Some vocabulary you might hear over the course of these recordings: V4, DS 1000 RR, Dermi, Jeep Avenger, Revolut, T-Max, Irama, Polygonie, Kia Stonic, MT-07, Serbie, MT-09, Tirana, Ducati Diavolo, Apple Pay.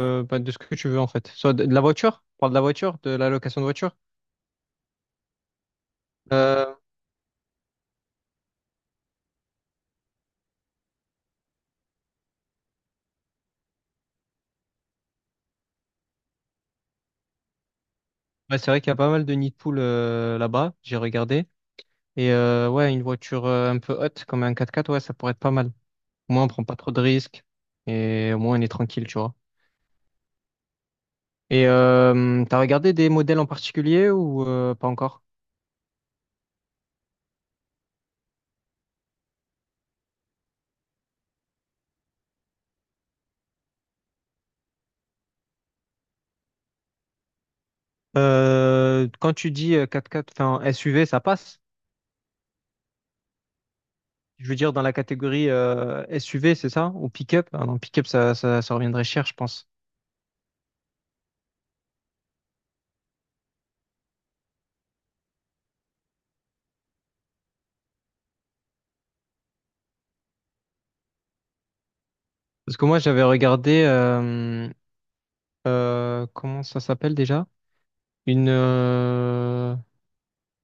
Bah, de ce que tu veux en fait. Soit de la voiture, on parle de la voiture, de la location de voiture. Euh, ouais, c'est vrai qu'il y a pas mal de nids de poules là-bas, j'ai regardé. Et ouais, une voiture un peu haute, comme un 4x4, ouais, ça pourrait être pas mal. Au moins, on prend pas trop de risques et au moins, on est tranquille, tu vois. Et t'as regardé des modèles en particulier ou pas encore? Quand tu dis 4x4, enfin SUV, ça passe. Je veux dire dans la catégorie SUV, c'est ça? Ou pick-up? Ah non, pick-up, ça reviendrait cher, je pense. Parce que moi, j'avais regardé, comment ça s'appelle déjà? Une, euh,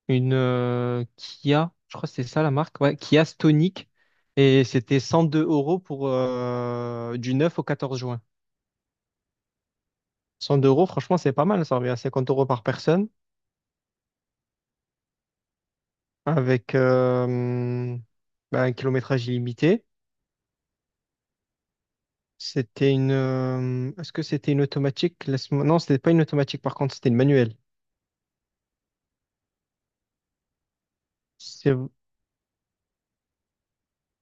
une Kia, je crois que c'est ça la marque, ouais, Kia Stonic. Et c'était 102 euros pour du 9 au 14 juin. 102 euros, franchement, c'est pas mal, ça revient à 50 euros par personne, avec bah, un kilométrage illimité. C'était une. Est-ce que c'était une automatique? Non, c'était pas une automatique, par contre, c'était une manuelle. C'est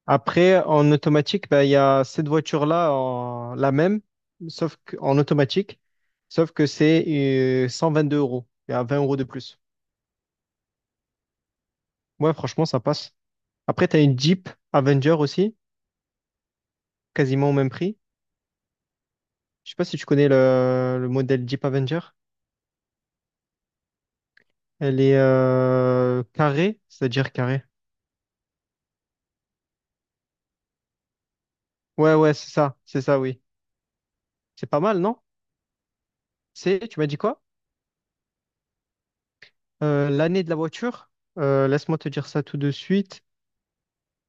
Après, en automatique, ben, il y a cette voiture-là, la même, sauf qu'en automatique, sauf que c'est 2 euros. Il y a 20 euros de plus. Ouais, franchement, ça passe. Après, tu as une Jeep Avenger aussi, quasiment au même prix. Je sais pas si tu connais le modèle Jeep Avenger. Elle est carrée, c'est-à-dire carrée. Ouais, ouais, c'est ça, oui. C'est pas mal, non? Tu m'as dit quoi? L'année de la voiture, laisse-moi te dire ça tout de suite.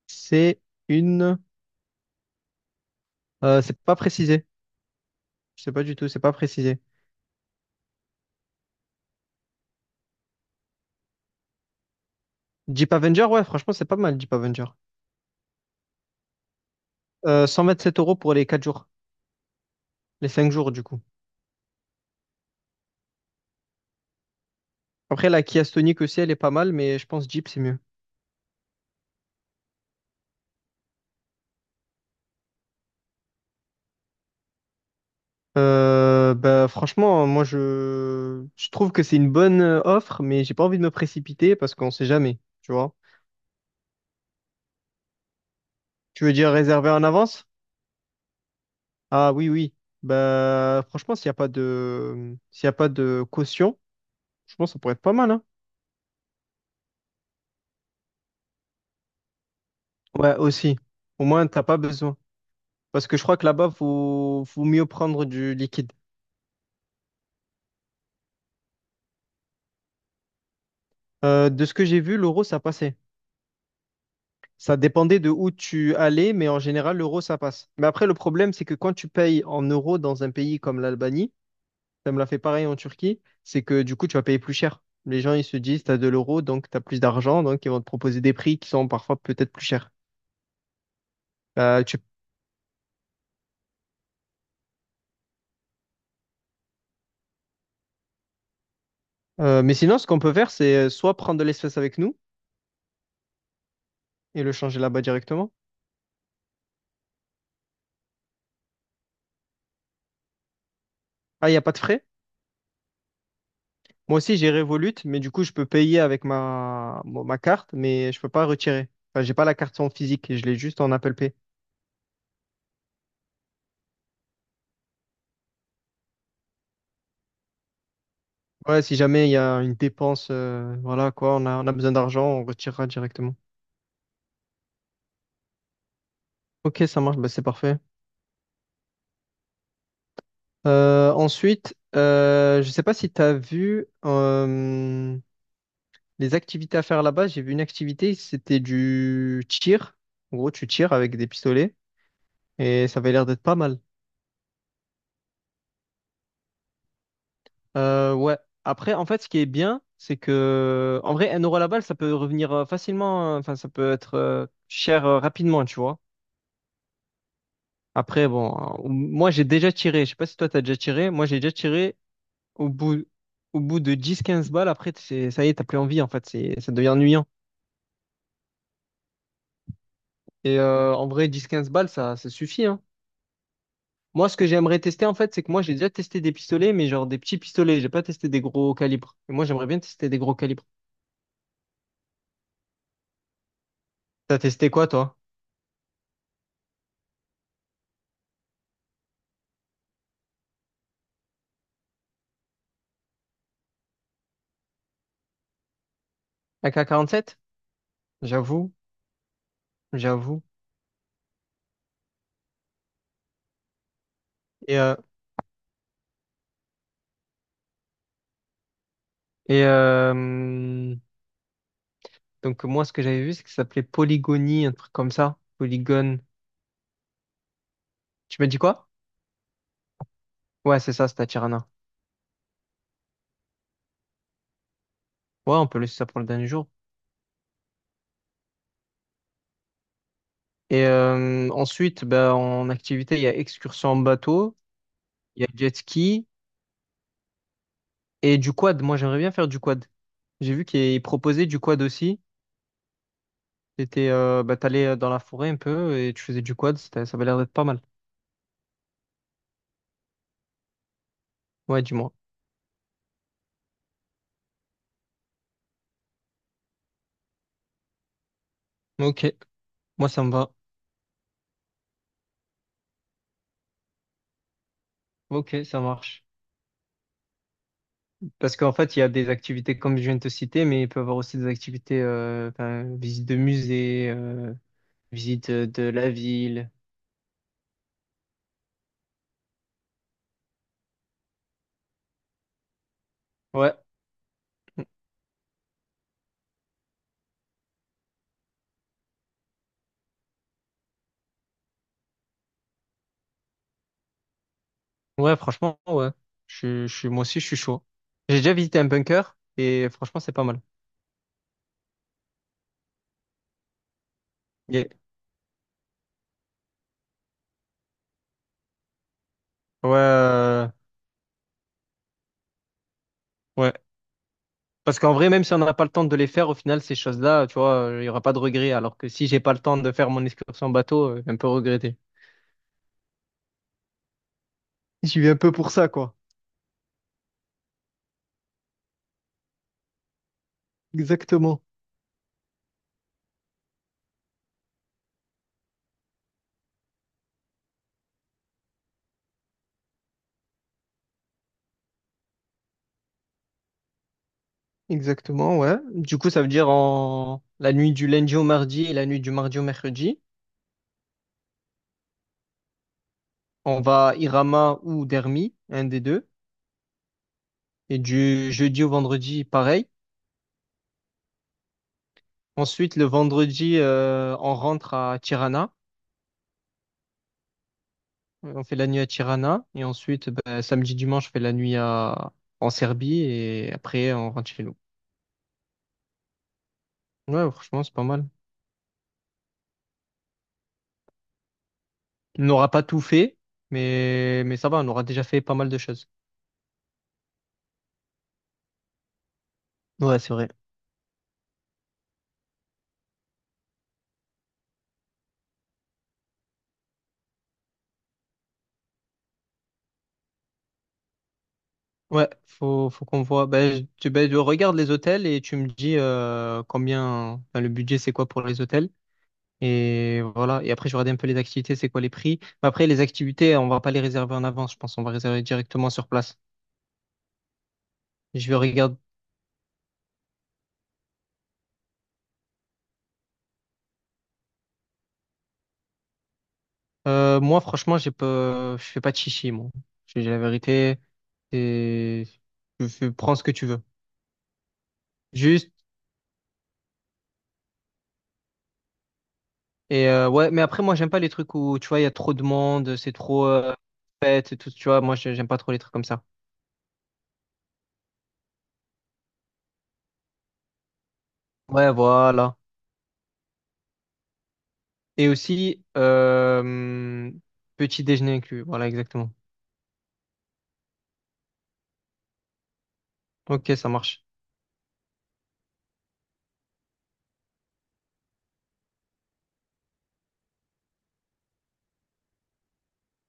C'est une. C'est pas précisé. Je sais pas du tout, c'est pas précisé. Jeep Avenger, ouais, franchement, c'est pas mal, Jeep Avenger. 127 euros pour les 4 jours, les 5 jours du coup. Après, la Kia Stonic aussi, elle est pas mal, mais je pense Jeep, c'est mieux. Bah, franchement, moi, je trouve que c'est une bonne offre, mais j'ai pas envie de me précipiter parce qu'on sait jamais, tu vois. Tu veux dire réserver en avance? Ah oui, oui. Bah, franchement, s'il y a pas de caution, je pense que ça pourrait être pas mal, hein. Ouais, aussi. Au moins, t'as pas besoin. Parce que je crois que là-bas, faut mieux prendre du liquide. De ce que j'ai vu, l'euro, ça passait. Ça dépendait de où tu allais, mais en général, l'euro, ça passe. Mais après, le problème, c'est que quand tu payes en euros dans un pays comme l'Albanie, ça me l'a fait pareil en Turquie, c'est que du coup, tu vas payer plus cher. Les gens, ils se disent, tu as de l'euro, donc tu as plus d'argent, donc ils vont te proposer des prix qui sont parfois peut-être plus chers. Euh, tu- mais sinon, ce qu'on peut faire, c'est soit prendre de l'espèce avec nous et le changer là-bas directement. Ah, il n'y a pas de frais? Moi aussi, j'ai Revolut, mais du coup, je peux payer avec ma carte, mais je peux pas retirer. Enfin, j'ai pas la carte en physique, je l'ai juste en Apple Pay. Ouais, si jamais il y a une dépense, voilà quoi, on a besoin d'argent, on retirera directement. Ok, ça marche, bah, c'est parfait. Ensuite, je sais pas si tu as vu les activités à faire là-bas. J'ai vu une activité, c'était du tir. En gros, tu tires avec des pistolets et ça avait l'air d'être pas mal. Ouais. Après, en fait, ce qui est bien, c'est que, en vrai, 1 euro la balle, ça peut revenir facilement, enfin, ça peut être cher rapidement, tu vois. Après, bon, moi, j'ai déjà tiré, je sais pas si toi, t'as déjà tiré, moi, j'ai déjà tiré au bout, au bout de 10 15 balles, après, ça y est, t'as plus envie, en fait, ça devient ennuyant. Et en vrai, 10 15 balles, ça suffit, hein. Moi, ce que j'aimerais tester, en fait, c'est que moi, j'ai déjà testé des pistolets, mais genre des petits pistolets, j'ai pas testé des gros calibres. Et moi, j'aimerais bien tester des gros calibres. T'as testé quoi, toi? AK sept. J'avoue. J'avoue. Et, euh, et donc, moi, ce que j'avais vu, c'est que ça s'appelait Polygonie, un truc comme ça. Polygone. Tu m'as dit quoi? Ouais, c'est ça, c'était à Tirana. Ouais, on peut laisser ça pour le dernier jour. Et ensuite, bah, en activité, il y a excursion en bateau, il y a jet ski et du quad. Moi, j'aimerais bien faire du quad. J'ai vu qu'ils proposaient du quad aussi. Bah, t'allais dans la forêt un peu et tu faisais du quad. Ça avait l'air d'être pas mal. Ouais, dis-moi. Ok, moi, ça me va. Ok, ça marche. Parce qu'en fait, il y a des activités comme je viens de te citer, mais il peut y avoir aussi des activités, ben, visite de musée, visite de la ville. Ouais, Mm. Ouais, franchement, ouais. Moi aussi, je suis chaud. J'ai déjà visité un bunker et franchement, c'est pas mal. Yeah. Ouais, ouais. Parce qu'en vrai, même si on n'a pas le temps de les faire, au final, ces choses-là, tu vois, il n'y aura pas de regret. Alors que si j'ai pas le temps de faire mon excursion en bateau, je vais un peu regretter. J'y vais un peu pour ça, quoi. Exactement. Exactement, ouais. Du coup, ça veut dire en la nuit du lundi au mardi et la nuit du mardi au mercredi, on va à Irama ou Dermi, un des deux. Et du jeudi au vendredi, pareil. Ensuite, le vendredi, on rentre à Tirana. On fait la nuit à Tirana. Et ensuite, ben, samedi, dimanche, on fait la nuit à... en Serbie. Et après, on rentre chez nous. Ouais, franchement, c'est pas mal. On n'aura pas tout fait, mais ça va, on aura déjà fait pas mal de choses. Ouais, c'est vrai. Ouais, faut qu'on voit. Ben, je regarde les hôtels et tu me dis combien, enfin, le budget c'est quoi pour les hôtels. Et voilà. Et après, je regarde un peu les activités, c'est quoi les prix. Mais après, les activités, on va pas les réserver en avance, je pense. On va réserver directement sur place. Je vais regarder. Moi, franchement, j'ai pas, je fais pas de chichi, moi. Je dis la vérité. Et je prends ce que tu veux. Juste. Et ouais, mais après, moi, j'aime pas les trucs où, tu vois, il y a trop de monde, c'est trop fête et tout, tu vois. Moi, j'aime pas trop les trucs comme ça. Ouais, voilà. Et aussi, petit déjeuner inclus. Voilà, exactement. Ok, ça marche.